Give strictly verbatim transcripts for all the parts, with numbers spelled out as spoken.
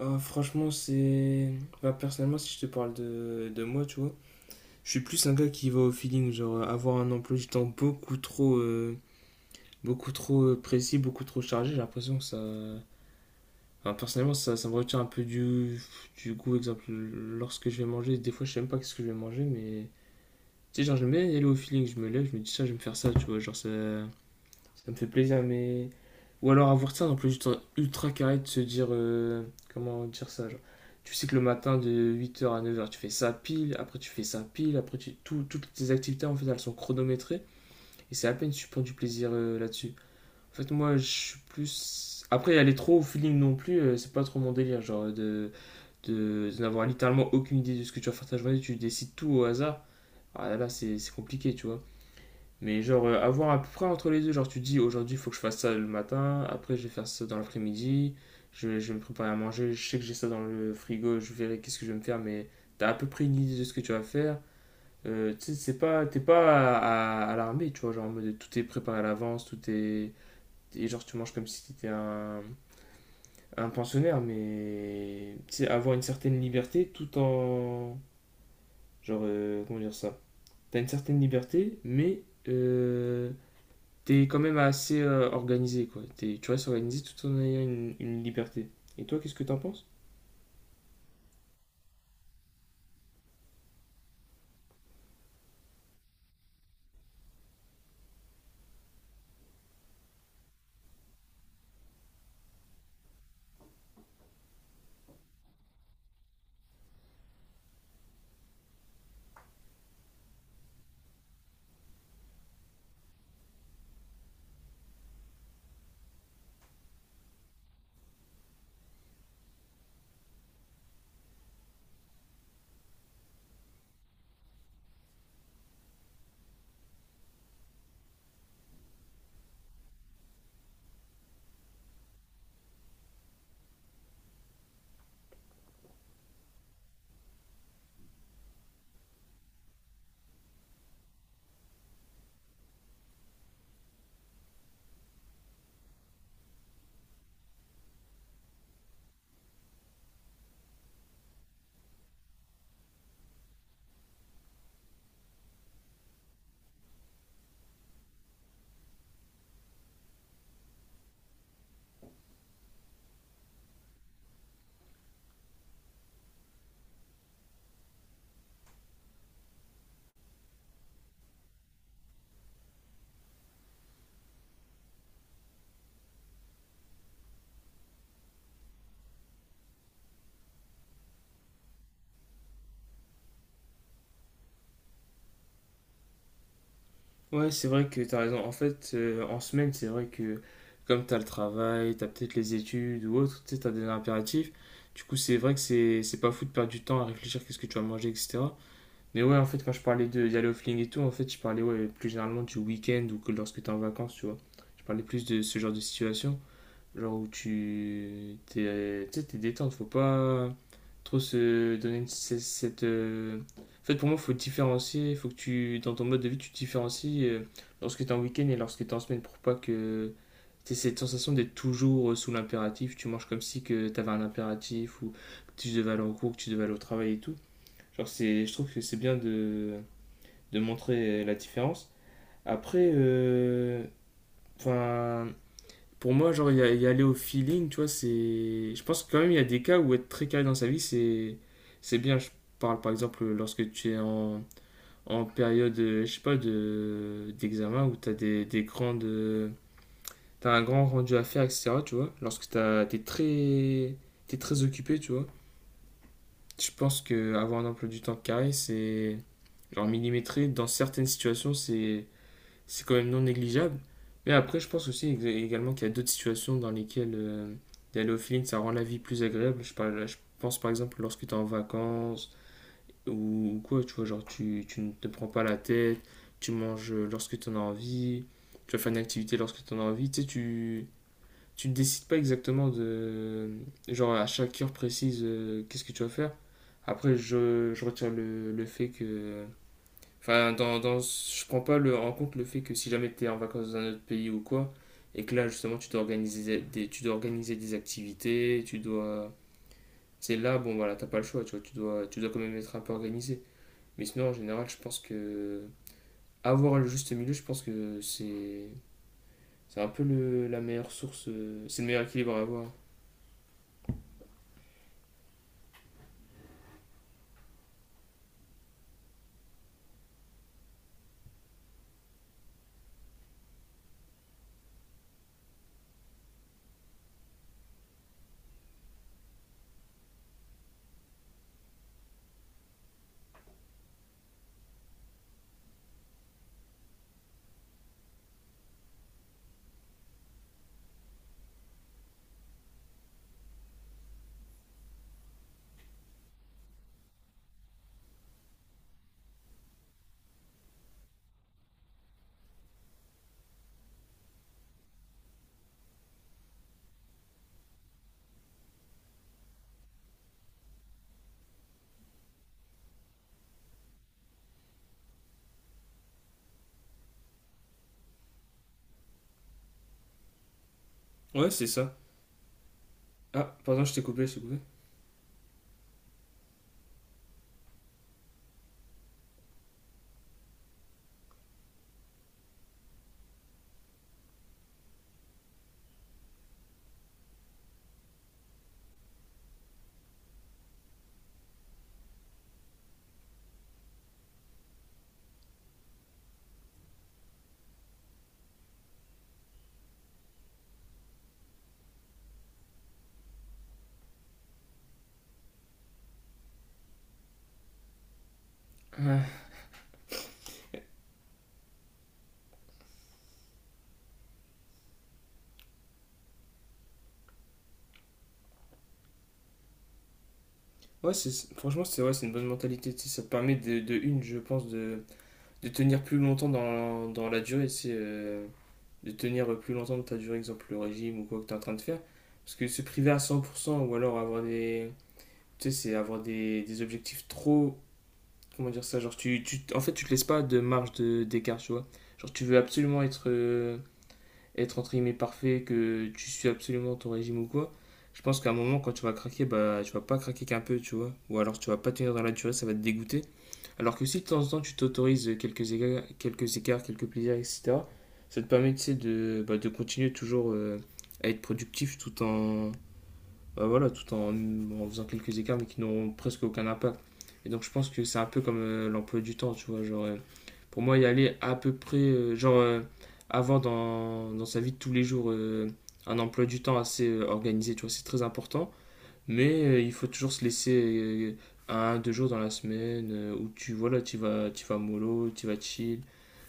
Ah, franchement, c'est. Bah, personnellement, si je te parle de, de moi, tu vois, je suis plus un gars qui va au feeling. Genre, euh, avoir un emploi du temps beaucoup trop, euh, beaucoup trop euh, précis, beaucoup trop chargé, j'ai l'impression que ça. Enfin, personnellement, ça, ça me retient un peu du, du goût. Exemple, lorsque je vais manger, des fois, je sais même pas qu'est-ce que je vais manger, mais. Tu sais, genre, j'aime bien aller au feeling. Je me lève, je me dis ça, je vais me faire ça, tu vois. Genre, ça. Ça me fait plaisir, mais. Ou alors avoir ça dans plus ultra, carré de se dire. Euh, comment dire ça, genre, tu sais que le matin de huit heures à neuf heures, tu fais ça pile, après tu fais ça pile, après tu, tout- toutes tes activités en fait elles sont chronométrées et c'est à peine si tu prends du plaisir euh, là-dessus. En fait, moi je suis plus. Après, aller trop au feeling non plus, euh, c'est pas trop mon délire. Genre de, de, de n'avoir littéralement aucune idée de ce que tu vas faire ta journée, tu décides tout au hasard. Ah là, là, c'est c'est compliqué, tu vois. Mais genre, euh, avoir à peu près entre les deux, genre tu dis aujourd'hui il faut que je fasse ça le matin, après je vais faire ça dans l'après-midi, je, je vais me préparer à manger, je sais que j'ai ça dans le frigo, je verrai qu'est-ce que je vais me faire, mais t'as à peu près une idée de ce que tu vas faire. Euh, tu sais, c'est pas, t'es pas à, à- à l'armée, tu vois, genre en mode tout est préparé à l'avance, tout est. Et genre tu manges comme si t'étais un, un pensionnaire, mais tu sais, avoir une certaine liberté tout en. Genre, euh, comment dire ça? T'as une certaine liberté, mais. euh, t'es quand même assez euh, organisé, quoi. T'es- tu restes organisé tout en ayant une, une liberté. Et toi, qu'est-ce que t'en penses? Ouais, c'est vrai que t'as raison. En fait, euh, en semaine, c'est vrai que comme t'as le travail, t'as peut-être les études ou autre, tu sais, t'as des impératifs. Du coup, c'est vrai que c'est c'est pas fou de perdre du temps à réfléchir qu'est-ce que tu vas manger, et cetera. Mais ouais, en fait, quand je parlais de d'aller au fling et tout, en fait, je parlais ouais, plus généralement du week-end ou que lorsque t'es en vacances, tu vois. Je parlais plus de ce genre de situation. Genre où tu t'es, euh, tu sais, t'es détente, faut pas trop se donner une- c- cette. euh, En fait, pour moi, faut différencier, faut que tu, dans ton mode de vie, tu différencies euh, lorsque t'es en week-end et lorsque t'es en semaine pour pas que t'aies cette sensation d'être toujours euh, sous l'impératif. Tu manges comme si que t'avais un impératif ou que tu devais aller en cours, que tu devais aller au travail et tout. Genre, c'est, je trouve que c'est bien de, de montrer euh, la différence. Après, euh, enfin, pour moi, genre, il y, a- y aller au feeling, tu vois, c'est. Je pense que quand même, il y a des cas où être très carré dans sa vie, c'est c'est bien. Je parle par exemple lorsque tu es en, en période, euh, je sais pas, de d'examen où tu as des, des grandes. euh, T'as un grand rendu à faire, et cetera. Tu vois, lorsque t'as, t'es très, t'es très, occupé, tu vois. Je pense que avoir un emploi du temps carré, c'est genre millimétré. Dans certaines situations, c'est c'est quand même non négligeable. Mais après, je pense aussi également qu'il y a d'autres situations dans lesquelles euh, d'aller au feeling, ça rend la vie plus agréable. Je, parle, je pense par exemple lorsque tu es en vacances ou, ou quoi, tu vois, genre tu, tu ne te prends pas la tête, tu manges euh, lorsque tu en as envie, tu vas faire une activité lorsque tu en as envie. Tu sais, tu, tu ne décides pas exactement de, genre à chaque heure précise, euh, qu'est-ce que tu vas faire. Après, je, je retire le, le fait que, enfin, dans, dans, je prends pas le, en compte le fait que si jamais tu es en vacances dans un autre pays ou quoi, et que là, justement, tu dois organiser des, tu dois organiser des activités, tu dois. C'est là, bon, voilà, t'as pas le choix, tu vois, tu dois, tu dois quand même être un peu organisé. Mais sinon, en général, je pense que. Avoir le juste milieu, je pense que c'est. C'est un peu le, la meilleure source. euh, C'est le meilleur équilibre à avoir. Ouais, c'est ça. Ah, pardon, je t'ai coupé, je t'ai coupé. Ouais, c'est, franchement, c'est ouais, c'est une bonne mentalité. Tu sais, ça te permet de, de une, je pense, de, de tenir plus longtemps dans, dans la durée, c'est euh, de tenir plus longtemps de ta durée, exemple le régime ou quoi que tu es en train de faire. Parce que se priver à cent pour cent ou alors avoir des. Tu sais, c'est avoir des, des objectifs trop. Comment dire ça, genre, tu, tu, en fait, tu te laisses pas de marge de- d'écart, tu vois. Genre, tu veux absolument être euh, être entre guillemets parfait, que tu suis absolument ton régime ou quoi, je pense qu'à un moment, quand tu vas craquer, bah, tu vas pas craquer qu'un peu, tu vois. Ou alors tu vas pas tenir dans la durée, ça va te dégoûter. Alors que si de temps en temps tu t'autorises quelques écarts, quelques écarts, quelques plaisirs, et cetera, ça te permet, tu sais, de, bah, de continuer toujours euh, à être productif tout en, bah voilà, tout en, en faisant quelques écarts, mais qui n'ont presque aucun impact. Et donc je pense que c'est un peu comme euh, l'emploi du temps, tu vois. Genre, euh, pour moi, y aller à peu près, euh, genre, euh, avant dans, dans sa vie de tous les jours, euh, un emploi du temps assez euh, organisé, tu vois, c'est très important. Mais euh, il faut toujours se laisser euh, un, deux jours dans la semaine euh, où tu, voilà, tu vas, tu vas mollo, tu vas chill,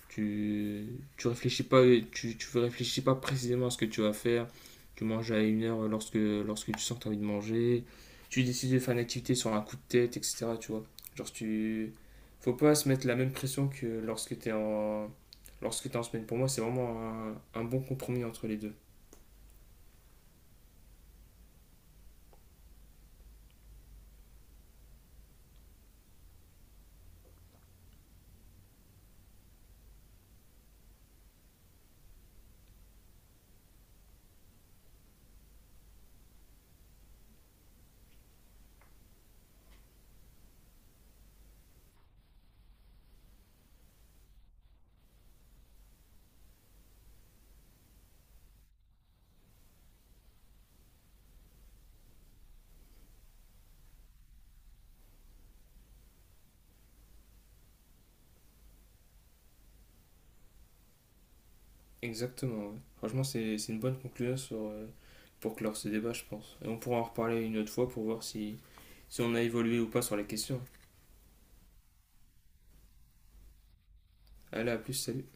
tu, tu réfléchis pas, tu, tu réfléchis pas précisément à ce que tu vas faire. Tu manges à une heure lorsque, lorsque tu sens que tu as envie de manger. Tu décides de faire une activité sur un coup de tête, et cetera. Tu vois. Genre, tu. Faut pas se mettre la même pression que lorsque tu es en. Lorsque t'es en semaine. Pour moi, c'est vraiment un, un bon compromis entre les deux. Exactement. ouais. Franchement, c'est c'est une bonne conclusion sur, euh, pour clore ce débat, je pense. Et on pourra en reparler une autre fois pour voir si, si on a évolué ou pas sur la question. Allez, à plus, salut.